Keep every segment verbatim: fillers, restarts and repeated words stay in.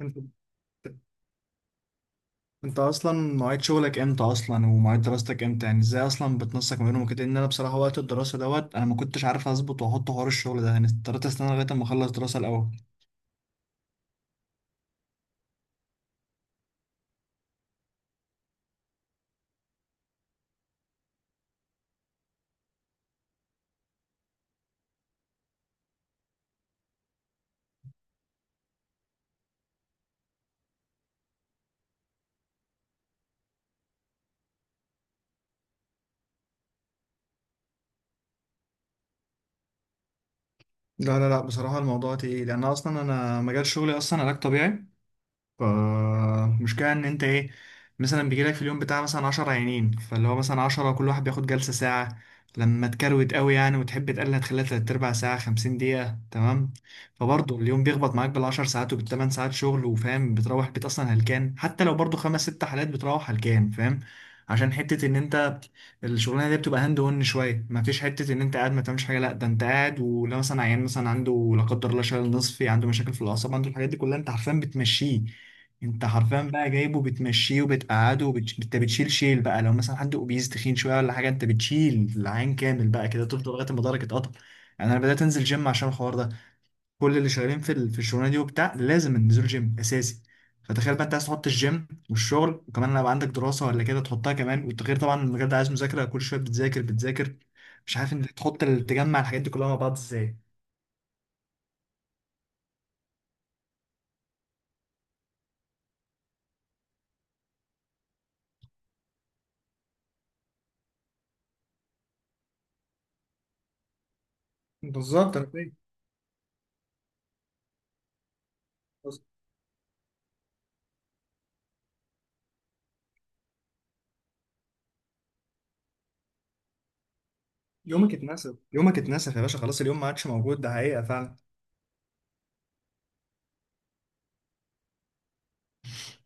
انت انت اصلا مواعيد شغلك امتى اصلا؟ ومواعيد دراستك امتى؟ يعني ازاي اصلا بتنسق ما بينهم وكده؟ ان انا بصراحه وقت الدراسه دوت انا ما كنتش عارف اظبط واحط حوار الشغل ده، يعني اضطريت استنى لغايه اما اخلص دراسه الاول. لا لا لا، بصراحه الموضوع تقيل، يعني انا اصلا انا مجال شغلي اصلا علاج طبيعي. فالمشكلة إن أنت إيه، مثلا بيجيلك في اليوم بتاع مثلا عشرة عيانين، فاللي هو مثلا عشرة، كل واحد بياخد جلسة ساعة. لما تكروت قوي يعني وتحب تقلل هتخليها تلات أرباع ساعة، خمسين دقيقة، تمام. فبرضه اليوم بيخبط معاك بالعشر ساعات وبالتمن ساعات شغل، وفاهم بتروح البيت أصلا هلكان، حتى لو برضه خمس ست حالات بتروح هلكان، فاهم؟ عشان حتة إن أنت الشغلانه دي بتبقى هاند اون شويه، ما فيش حته ان انت قاعد ما تعملش حاجه، لا ده انت قاعد، ولو مثلا عيان مثلا عنده لا قدر الله شلل نصفي، عنده مشاكل في الاعصاب، عنده الحاجات دي كلها، انت عارفين بتمشيه. انت حرفيا بقى جايبه بتمشيه وبتقعده وبتش... انت بتشيل شيل بقى، لو مثلا حد اوبيز تخين شويه ولا حاجه انت بتشيل العين كامل بقى كده، تفضل لغايه ما ضهرك اتقطع. يعني انا بدات انزل جيم عشان الحوار ده، كل اللي شغالين في ال... في الشغلانه دي وبتاع لازم النزول جيم اساسي. فتخيل بقى انت عايز تحط الجيم والشغل وكمان لو عندك دراسه ولا كده تحطها كمان، والتغيير طبعا المجال ده عايز مذاكره كل شويه بتذاكر بتذاكر. مش عارف انت تحط ال- تجمع الحاجات دي كلها مع بعض ازاي. بالظبط، انا فاهم. يومك اتنسف، يومك اتنسف يا باشا، خلاص اليوم ما عادش موجود، ده حقيقة فعلا.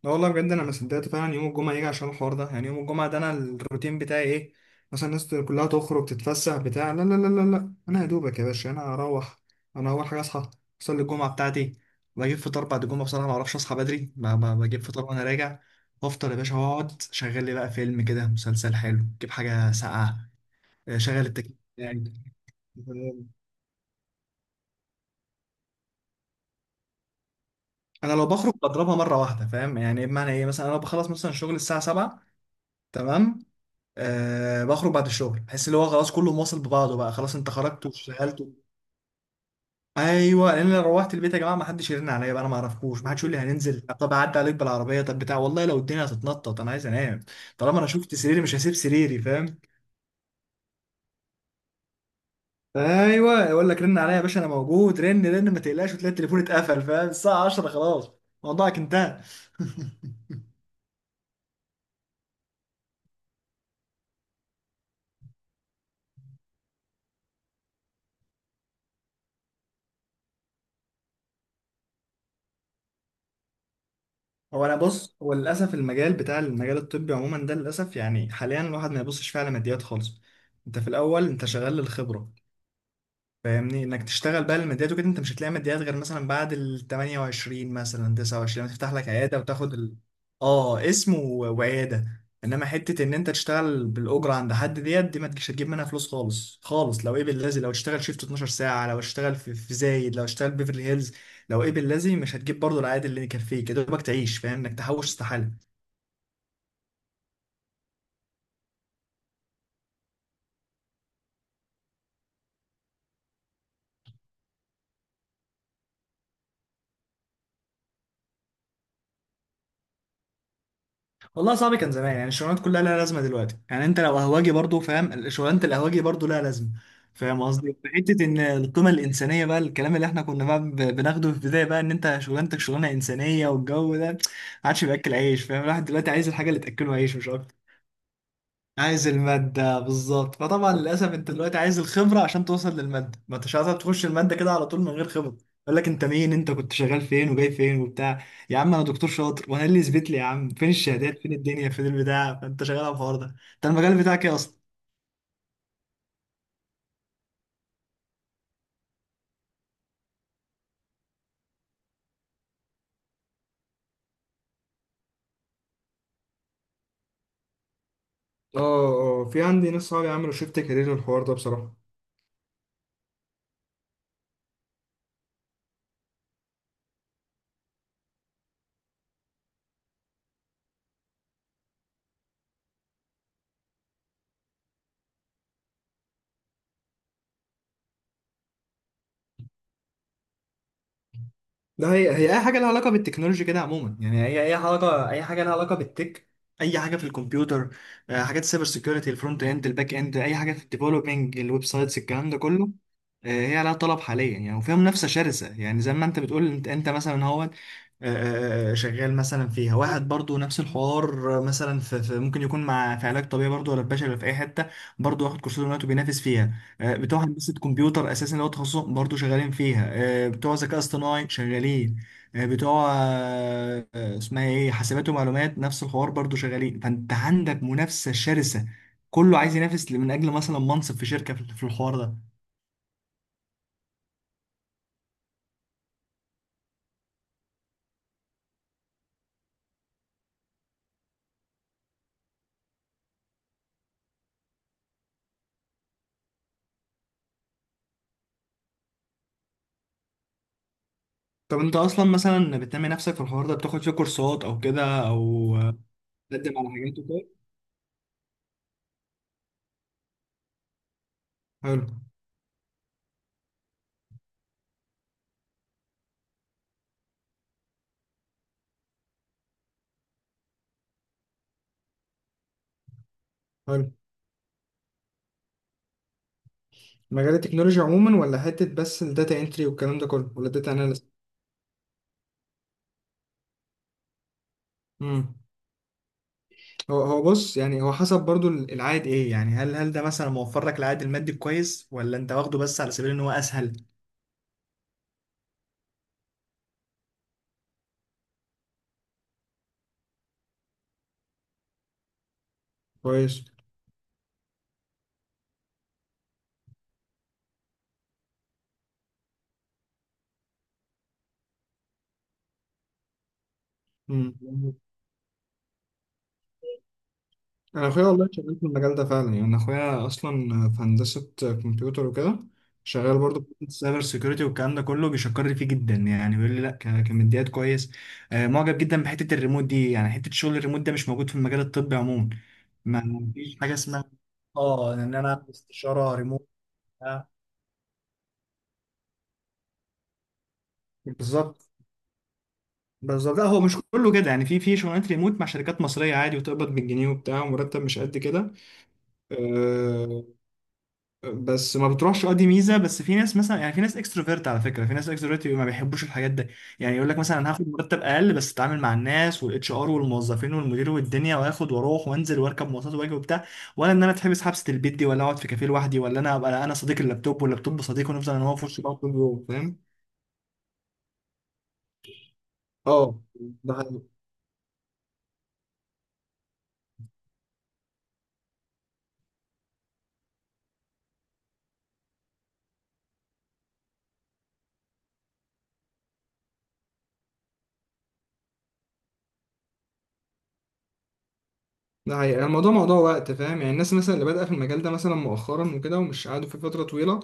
لا والله بجد انا ما صدقت فعلا يوم الجمعه يجي عشان الحوار ده. يعني يوم الجمعه ده انا الروتين بتاعي ايه؟ مثلا الناس كلها تخرج تتفسح بتاع، لا لا لا لا لا، انا يا دوبك يا باشا انا هروح. انا اول حاجه اصحى، اصلي الجمعه بتاعتي، بجيب فطار بعد الجمعه، بصراحه ما اعرفش اصحى بدري، ما ما بجيب فطار وانا راجع وافطر يا باشا، واقعد شغل لي بقى فيلم كده، مسلسل حلو، جيب حاجه ساقعه، آه، شغل التكييف يعني. انا لو بخرج بضربها مره واحده، فاهم يعني بمعنى ايه؟ مثلا انا بخلص مثلا شغل الساعه السابعة تمام، أه بخرج بعد الشغل، بحس اللي هو خلاص كله مواصل ببعضه بقى، خلاص انت خرجت واشتغلت و- ايوه لان انا روحت البيت يا جماعه، ما حدش يرن عليا بقى، انا ما اعرفكوش، ما حدش يقول لي هننزل، طب اعدي عليك بالعربيه، طب بتاع، والله لو الدنيا هتتنطط انا عايز انام. طالما انا شفت سريري مش هسيب سريري، فاهم؟ ايوه يقول لك رن عليا يا باشا، انا موجود رن رن ما تقلقش، وتلاقي التليفون اتقفل، فاهم؟ الساعه عشرة خلاص، موضوعك انتهى. هو انا بص، هو للاسف المجال بتاع المجال الطبي عموما ده للاسف، يعني حاليا الواحد ما يبصش فيه على ماديات خالص. انت في الاول انت شغال للخبره، فاهمني؟ انك تشتغل بقى الماديات وكده انت مش هتلاقي ماديات غير مثلا بعد ال الثامنة والعشرين مثلا التسعة وعشرين، لما تفتح لك عياده وتاخد ال... اه، اسم و- وعياده، انما حته ان انت تشتغل بالاجره عند حد ديت دي ما تجيش، هتجيب منها فلوس خالص خالص؟ لو ايه باللذي لو تشتغل شيفت اتناشر ساعة ساعه، لو تشتغل في, في زايد، لو تشتغل بيفرلي هيلز، لو ايه باللذي مش هتجيب برضه العائد اللي يكفيك يا دوبك تعيش، فاهم انك تحوش؟ استحاله. والله صعب، كان زمان يعني الشغلانات كلها لها لازمه، دلوقتي يعني انت لو قهوجي برضو، فاهم شغلانه القهوجي برضو لها لازمه؟ فاهم قصدي؟ في حته ان القيمه الانسانيه بقى الكلام اللي احنا كنا بقى ب- بناخده في البدايه بقى ان انت شغلانتك شغلانه انسانيه، والجو ده ما عادش بياكل عيش، فاهم؟ الواحد دلوقتي عايز الحاجه اللي تاكله عيش مش اكتر. عايز المادة، بالظبط. فطبعا للأسف أنت دلوقتي عايز الخبرة عشان توصل للمادة، ما أنتش عايز تخش المادة كده على طول من غير خبرة. يقول لك أنت مين؟ أنت كنت شغال فين؟ وجاي فين وبتاع؟ يا عم أنا دكتور شاطر، وأنا إيه اللي يثبت لي يا عم؟ فين الشهادات؟ فين الدنيا؟ فين البتاع؟ فأنت شغال على الحوار ده. أنت المجال بتاعك إيه أصلا؟ اه اه، في عندي ناس صحابي عملوا شيفت كارير الحوار ده بصراحة. ده هي هي اي حاجه لها علاقه بالتكنولوجيا كده عموما يعني، هي اي علاقه، اي حاجه لها علاقه بالتك، اي حاجه في الكمبيوتر، آه، حاجات السايبر سيكيورتي، الفرونت اند، الباك اند، اي حاجه في الديفلوبينج الويب سايتس، الكلام ده كله. آه، هي لها طلب حاليا يعني، وفيها منافسه شرسه، يعني زي ما انت بتقول، انت انت مثلا هو آه، آه، آه، شغال مثلا فيها، واحد برضو نفس الحوار آه، مثلا في في- ممكن يكون مع في علاج طبيعي برضو، ولا في بشري، ولا في اي حته، برضو واخد كورسات دلوقتي وبينافس فيها. آه، بتوع هندسة كمبيوتر أساسا اللي هو تخصصهم برضه شغالين فيها. آه، بتوع ذكاء اصطناعي شغالين. آه، بتوع آه، آه، اسمها إيه، حاسبات ومعلومات، نفس الحوار برضه شغالين. فأنت عندك منافسة شرسة، كله عايز ينافس من أجل مثلا منصب في شركة، في في الحوار ده. طب أنت أصلا مثلا بتنمي نفسك في الحوار ده؟ بتاخد فيه كورسات أو كده أو آه، تقدم على حاجات وكده؟ حلو. حلو، مجال التكنولوجيا عموما ولا حتة بس الداتا انتري والكلام ده كله، ولا الداتا اناليست؟ هو هو بص يعني، هو حسب برضو العائد ايه، يعني هل هل ده مثلا موفر لك العائد المادي كويس، ولا انت واخده بس على سبيل ان هو اسهل؟ كويس. مم. انا اخويا والله شغال في المجال ده فعلا، يعني انا اخويا اصلا في هندسه كمبيوتر وكده، شغال برضه في السايبر سيكيورتي والكلام ده كله، بيشكر لي فيه جدا يعني، بيقول لي لا ك- كماديات كويس. آه، معجب جدا بحته الريموت دي، يعني حته شغل الريموت ده مش موجود في المجال الطبي عموما. ما ما فيش حاجه اسمها اه ان انا اعمل استشاره ريموت. آه. بالظبط، بالظبط. لا هو مش كله كده يعني، في في شغلانات ريموت مع شركات مصريه عادي، وتقبض بالجنيه وبتاع، ومرتب مش قد كده. أه، بس ما بتروحش، اه دي ميزه. بس في ناس مثلا يعني في ناس اكستروفيرت على فكره، في ناس اكستروفيرت ما بيحبوش الحاجات دي، يعني يقول لك مثلا انا هاخد مرتب اقل بس اتعامل مع الناس والاتش ار والموظفين والمدير والدنيا، واخد واروح وانزل واركب مواصلات واجي وبتاع، ولا ان انا اتحبس حبسه البيت دي، ولا اقعد في كافيه لوحدي، ولا انا ابقى انا صديق اللابتوب واللابتوب صديق ونفضل انا هو في وش بعض طول اليوم، فاهم؟ اه ده ده حقيقة، الموضوع موضوع وقت، فاهم؟ يعني الناس مثلا اللي بادئه في المجال ده مثلا مؤخرا وكده ومش قعدوا فيه فترة طويلة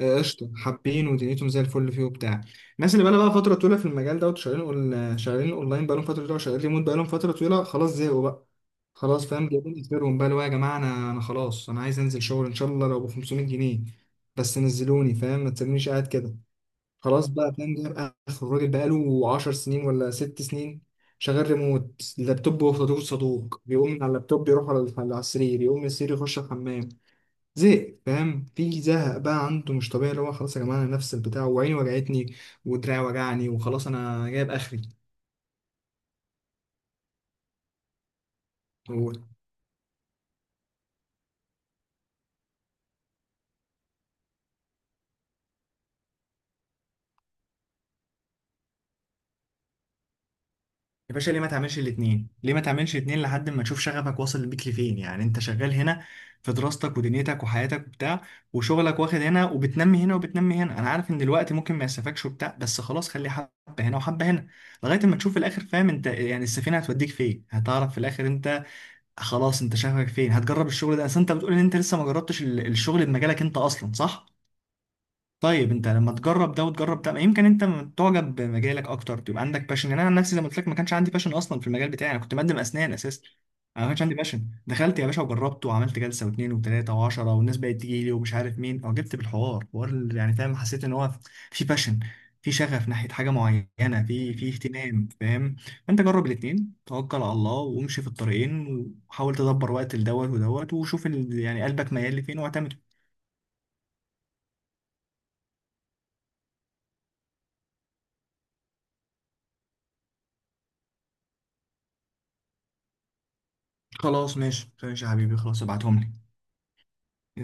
آه، قشطة، حابين ودنيتهم زي الفل فيه وبتاع. الناس اللي بقى بقى فترة طويلة في المجال ده وشغالين أون- شغالين اونلاين بقالهم فترة طويلة، وشغالين ريموت بقالهم فترة طويلة، خلاص زهقوا بقى، خلاص فاهم؟ جايبين اخرهم بقى اللي هو يا جماعة، انا انا خلاص انا عايز انزل شغل ان شاء الله لو ب خمسمية جنيه، بس نزلوني، فاهم؟ ما تسيبونيش قاعد كده. خلاص بقى فاهم جايب اخر، الراجل بقاله 10 سنين ولا ست سنين شغال ريموت، اللابتوب هو صدوق صدوق، بيقوم من على اللابتوب يروح على على السرير، يقوم من السرير يخش الحمام. زهق، فاهم؟ في زهق بقى عنده مش طبيعي، اللي هو خلاص يا جماعه انا نفس البتاع، وعيني وجعتني، ودراعي وجعني، وخلاص انا جايب اخري. يا باشا ليه ما تعملش الاتنين؟ ليه ما تعملش الاتنين لحد ما تشوف شغفك واصل بيك لفين، يعني انت شغال هنا في دراستك ودنيتك وحياتك وبتاع، وشغلك واخد هنا وبتنمي هنا وبتنمي هنا، انا عارف ان الوقت ممكن ما يسفكش وبتاع، بس خلاص خلي حبة هنا وحبة هنا لغاية ما تشوف في الاخر، فاهم انت؟ يعني السفينة هتوديك فين، هتعرف في الاخر انت خلاص انت شغفك فين. هتجرب الشغل ده، اصل انت بتقول ان انت لسه ما جربتش ال- الشغل بمجالك انت اصلا، صح؟ طيب انت لما تجرب ده وتجرب ده يمكن انت تعجب بمجالك اكتر، تبقى عندك باشن يعني. انا عن نفسي زي ما قلت لك ما كانش عندي باشن اصلا في المجال بتاعي، انا كنت مقدم اسنان اساسا. انا ما كانش عندي باشن، دخلت يا باشا وجربت وعملت جلسه واثنين وثلاثه وعشره، والناس بقت تيجي لي ومش عارف مين، اعجبت بالحوار حوار ال- يعني فاهم؟ حسيت ان هو في باشن، في شغف ناحيه حاجه معينه، في في اهتمام، فاهم؟ فانت جرب الاثنين، توكل على الله وامشي في الطريقين، وحاول تدبر وقت لدوت ودوت، وشوف ال... يعني قلبك ميال لفين واعتمد. خلاص ماشي ماشي يا حبيبي، خلاص ابعتهم لي.